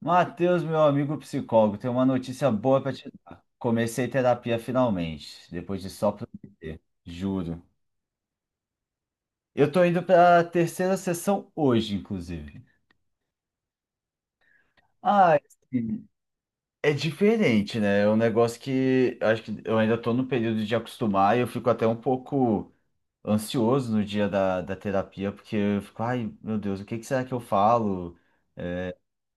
Matheus, meu amigo psicólogo, tem uma notícia boa para te dar. Comecei terapia finalmente, depois de só prometer, juro. Eu tô indo para a terceira sessão hoje, inclusive. Ah, assim, é diferente, né? É um negócio que eu acho que eu ainda tô no período de acostumar e eu fico até um pouco ansioso no dia da terapia, porque eu fico, ai, meu Deus, o que que será que eu falo?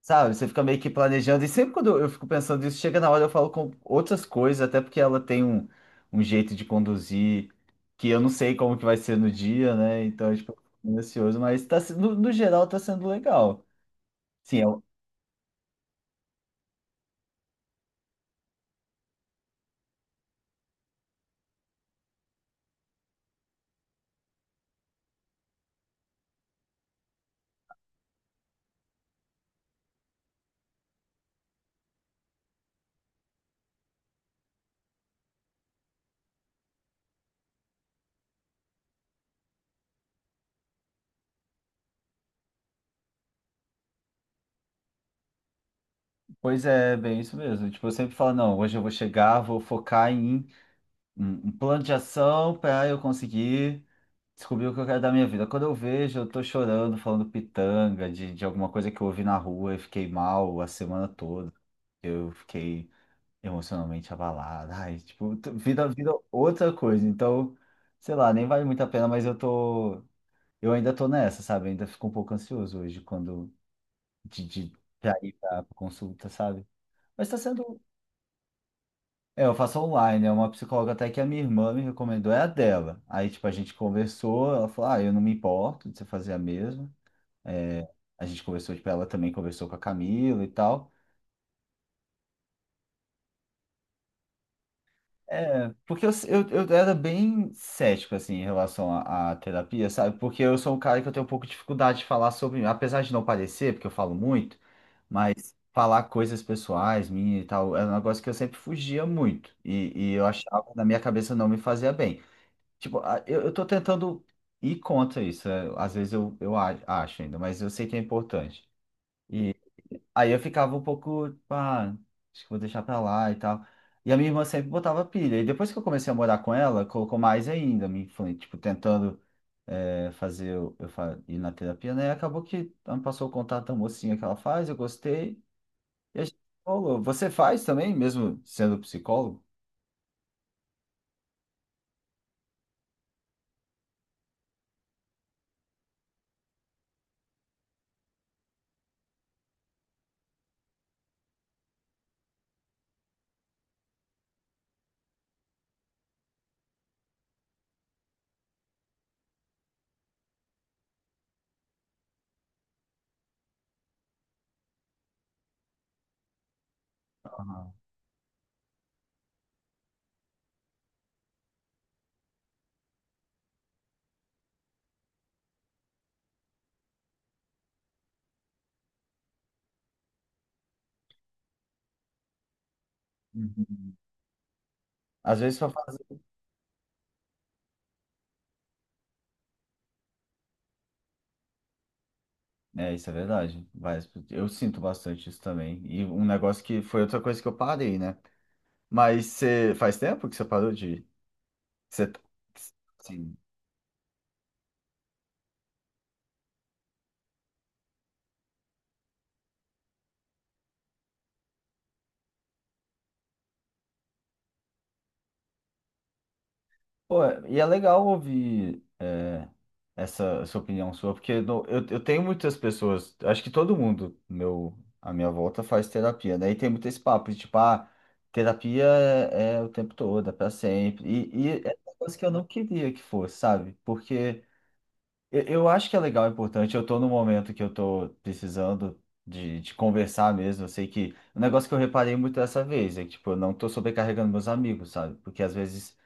Sabe, você fica meio que planejando, e sempre quando eu fico pensando nisso, chega na hora eu falo com outras coisas, até porque ela tem um jeito de conduzir que eu não sei como que vai ser no dia, né? Então, tipo, eu fico meio ansioso, mas tá, no geral tá sendo legal. Sim, pois é, bem isso mesmo. Tipo, eu sempre falo, não, hoje eu vou chegar, vou focar em um plano de ação para eu conseguir descobrir o que eu quero da minha vida. Quando eu vejo, eu tô chorando, falando pitanga de alguma coisa que eu ouvi na rua e fiquei mal a semana toda. Eu fiquei emocionalmente abalado. Ai, tipo, vida, vida outra coisa. Então, sei lá, nem vale muito a pena, mas eu tô. Eu ainda tô nessa, sabe? Ainda fico um pouco ansioso hoje quando de pra ir pra consulta, sabe? Mas tá sendo. É, eu faço online, é uma psicóloga até que a minha irmã me recomendou, é a dela. Aí, tipo, a gente conversou, ela falou, ah, eu não me importo de você fazer a mesma. É, a gente conversou, tipo, ela também conversou com a Camila e tal. É, porque eu era bem cético, assim, em relação à terapia, sabe? Porque eu sou um cara que eu tenho um pouco de dificuldade de falar sobre, apesar de não parecer, porque eu falo muito, mas falar coisas pessoais, minha e tal, era um negócio que eu sempre fugia muito. E eu achava, na minha cabeça, não me fazia bem. Tipo, eu tô tentando ir contra isso. Às vezes eu acho ainda, mas eu sei que é importante. Aí eu ficava um pouco, tipo, ah, acho que vou deixar pra lá e tal. E a minha irmã sempre botava pilha. E depois que eu comecei a morar com ela, colocou mais ainda, tipo, tentando, fazer eu ir na terapia, né? E acabou que ela me passou o contato da mocinha que ela faz, eu gostei. E a gente falou, você faz também, mesmo sendo psicólogo? Aham. Uhum. Às vezes só faz. É, isso é verdade. Vai, eu sinto bastante isso também. E um negócio que foi outra coisa que eu parei, né? Mas você faz tempo que você parou de você, sim. Pô, e é legal ouvir, essa opinião sua, porque eu tenho muitas pessoas, acho que todo mundo meu, à minha volta faz terapia, daí tem muito esse papo de tipo, ah, terapia é o tempo todo, é pra sempre. E é uma coisa que eu não queria que fosse, sabe? Porque eu acho que é legal, é importante, eu tô num momento que eu tô precisando de conversar mesmo, eu sei que. Um negócio que eu reparei muito dessa vez é que, tipo, eu não tô sobrecarregando meus amigos, sabe? Porque às vezes,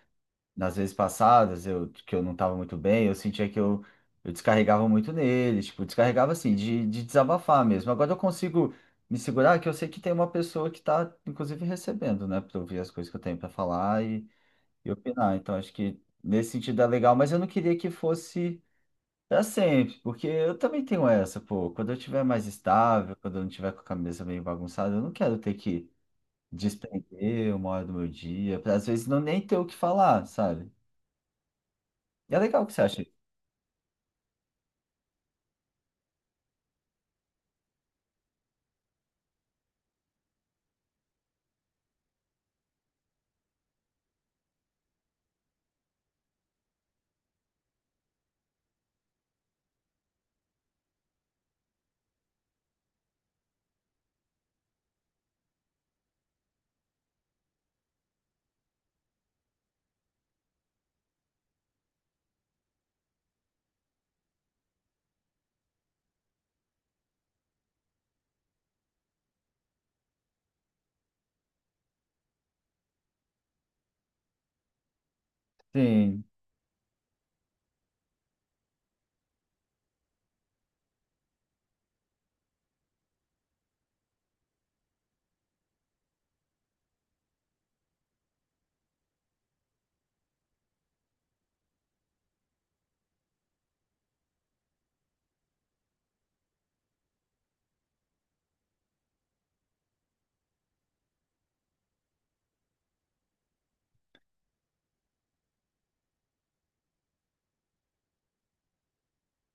nas vezes passadas eu, que eu não estava muito bem, eu sentia que eu descarregava muito nele, tipo, descarregava assim, de desabafar mesmo. Agora eu consigo me segurar, que eu sei que tem uma pessoa que está, inclusive, recebendo, né, para ouvir as coisas que eu tenho para falar e opinar. Então, acho que nesse sentido é legal, mas eu não queria que fosse pra sempre, porque eu também tenho essa, pô. Quando eu tiver mais estável, quando eu não tiver com a cabeça meio bagunçada, eu não quero ter que despender uma hora do meu dia, pra às vezes não nem ter o que falar, sabe? E é legal o que você acha. Sim,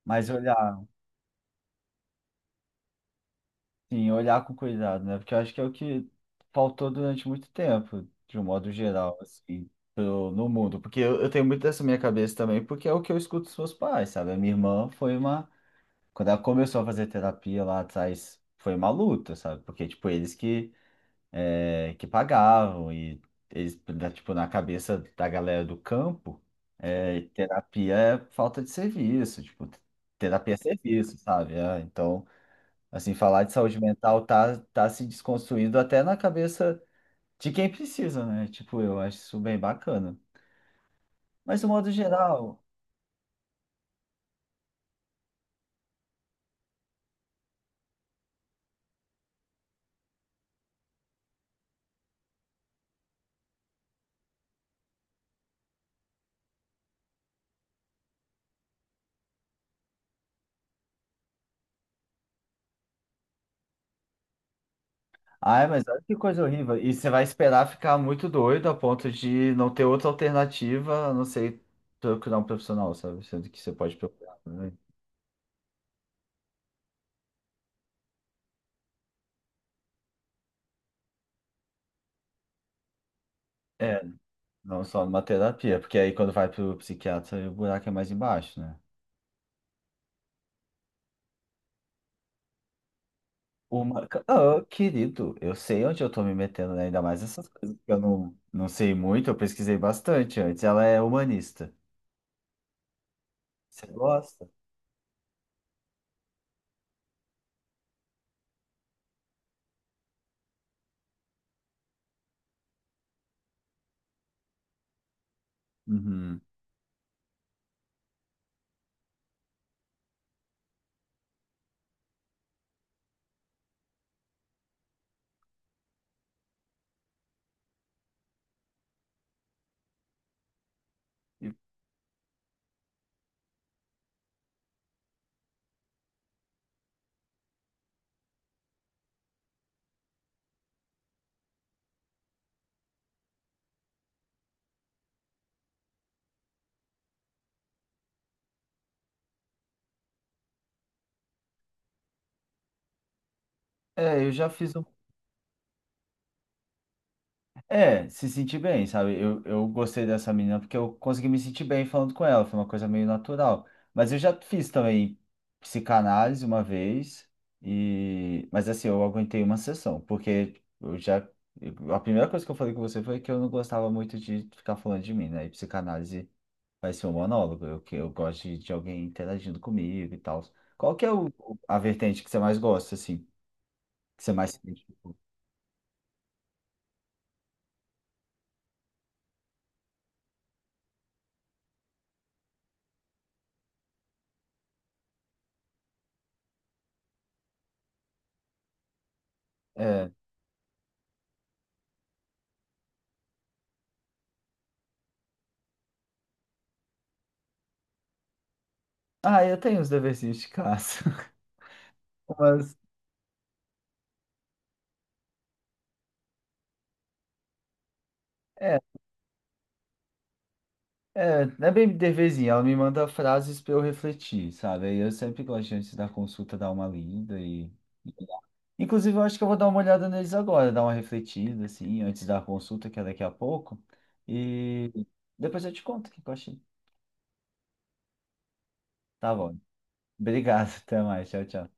mas olhar, sim, olhar com cuidado, né? Porque eu acho que é o que faltou durante muito tempo, de um modo geral, assim, no mundo. Porque eu tenho muito dessa minha cabeça também, porque é o que eu escuto dos meus pais, sabe? A minha irmã foi uma. Quando ela começou a fazer terapia lá atrás, foi uma luta, sabe? Porque, tipo, eles que é, que pagavam e eles, né, tipo, na cabeça da galera do campo, terapia é falta de serviço, tipo, terapia é serviço, sabe? É, então, assim, falar de saúde mental tá se desconstruindo até na cabeça de quem precisa, né? Tipo, eu acho isso bem bacana. Mas, no modo geral... Ai, mas olha que coisa horrível. E você vai esperar ficar muito doido a ponto de não ter outra alternativa, a não ser procurar um profissional, sabe? Sendo que você pode procurar, né? Não só numa terapia, porque aí quando vai pro psiquiatra, o buraco é mais embaixo, né? Ah, querido, eu sei onde eu tô me metendo, né? Ainda mais essas coisas que eu não sei muito, eu pesquisei bastante antes. Ela é humanista. Você gosta? Uhum. E- É, eu já fiz. É, se sentir bem, sabe? Eu gostei dessa menina porque eu consegui me sentir bem falando com ela, foi uma coisa meio natural. Mas eu já fiz também psicanálise uma vez, mas assim, eu aguentei uma sessão, porque eu já. A primeira coisa que eu falei com você foi que eu não gostava muito de ficar falando de mim, né? E psicanálise vai ser um monólogo, que eu gosto de alguém interagindo comigo e tal. Qual que é o, a vertente que você mais gosta, assim? Que você mais se identificou? É. Ah, eu tenho os deverzinhos de casa. É, é, é bem deverzinho, ela me manda frases para eu refletir, sabe? Aí eu sempre gosto antes da consulta dar uma lida e. Inclusive, eu acho que eu vou dar uma olhada neles agora, dar uma refletida, assim, antes da consulta, que é daqui a pouco. E depois eu te conto o que eu achei. Tá bom. Obrigado, até mais. Tchau, tchau.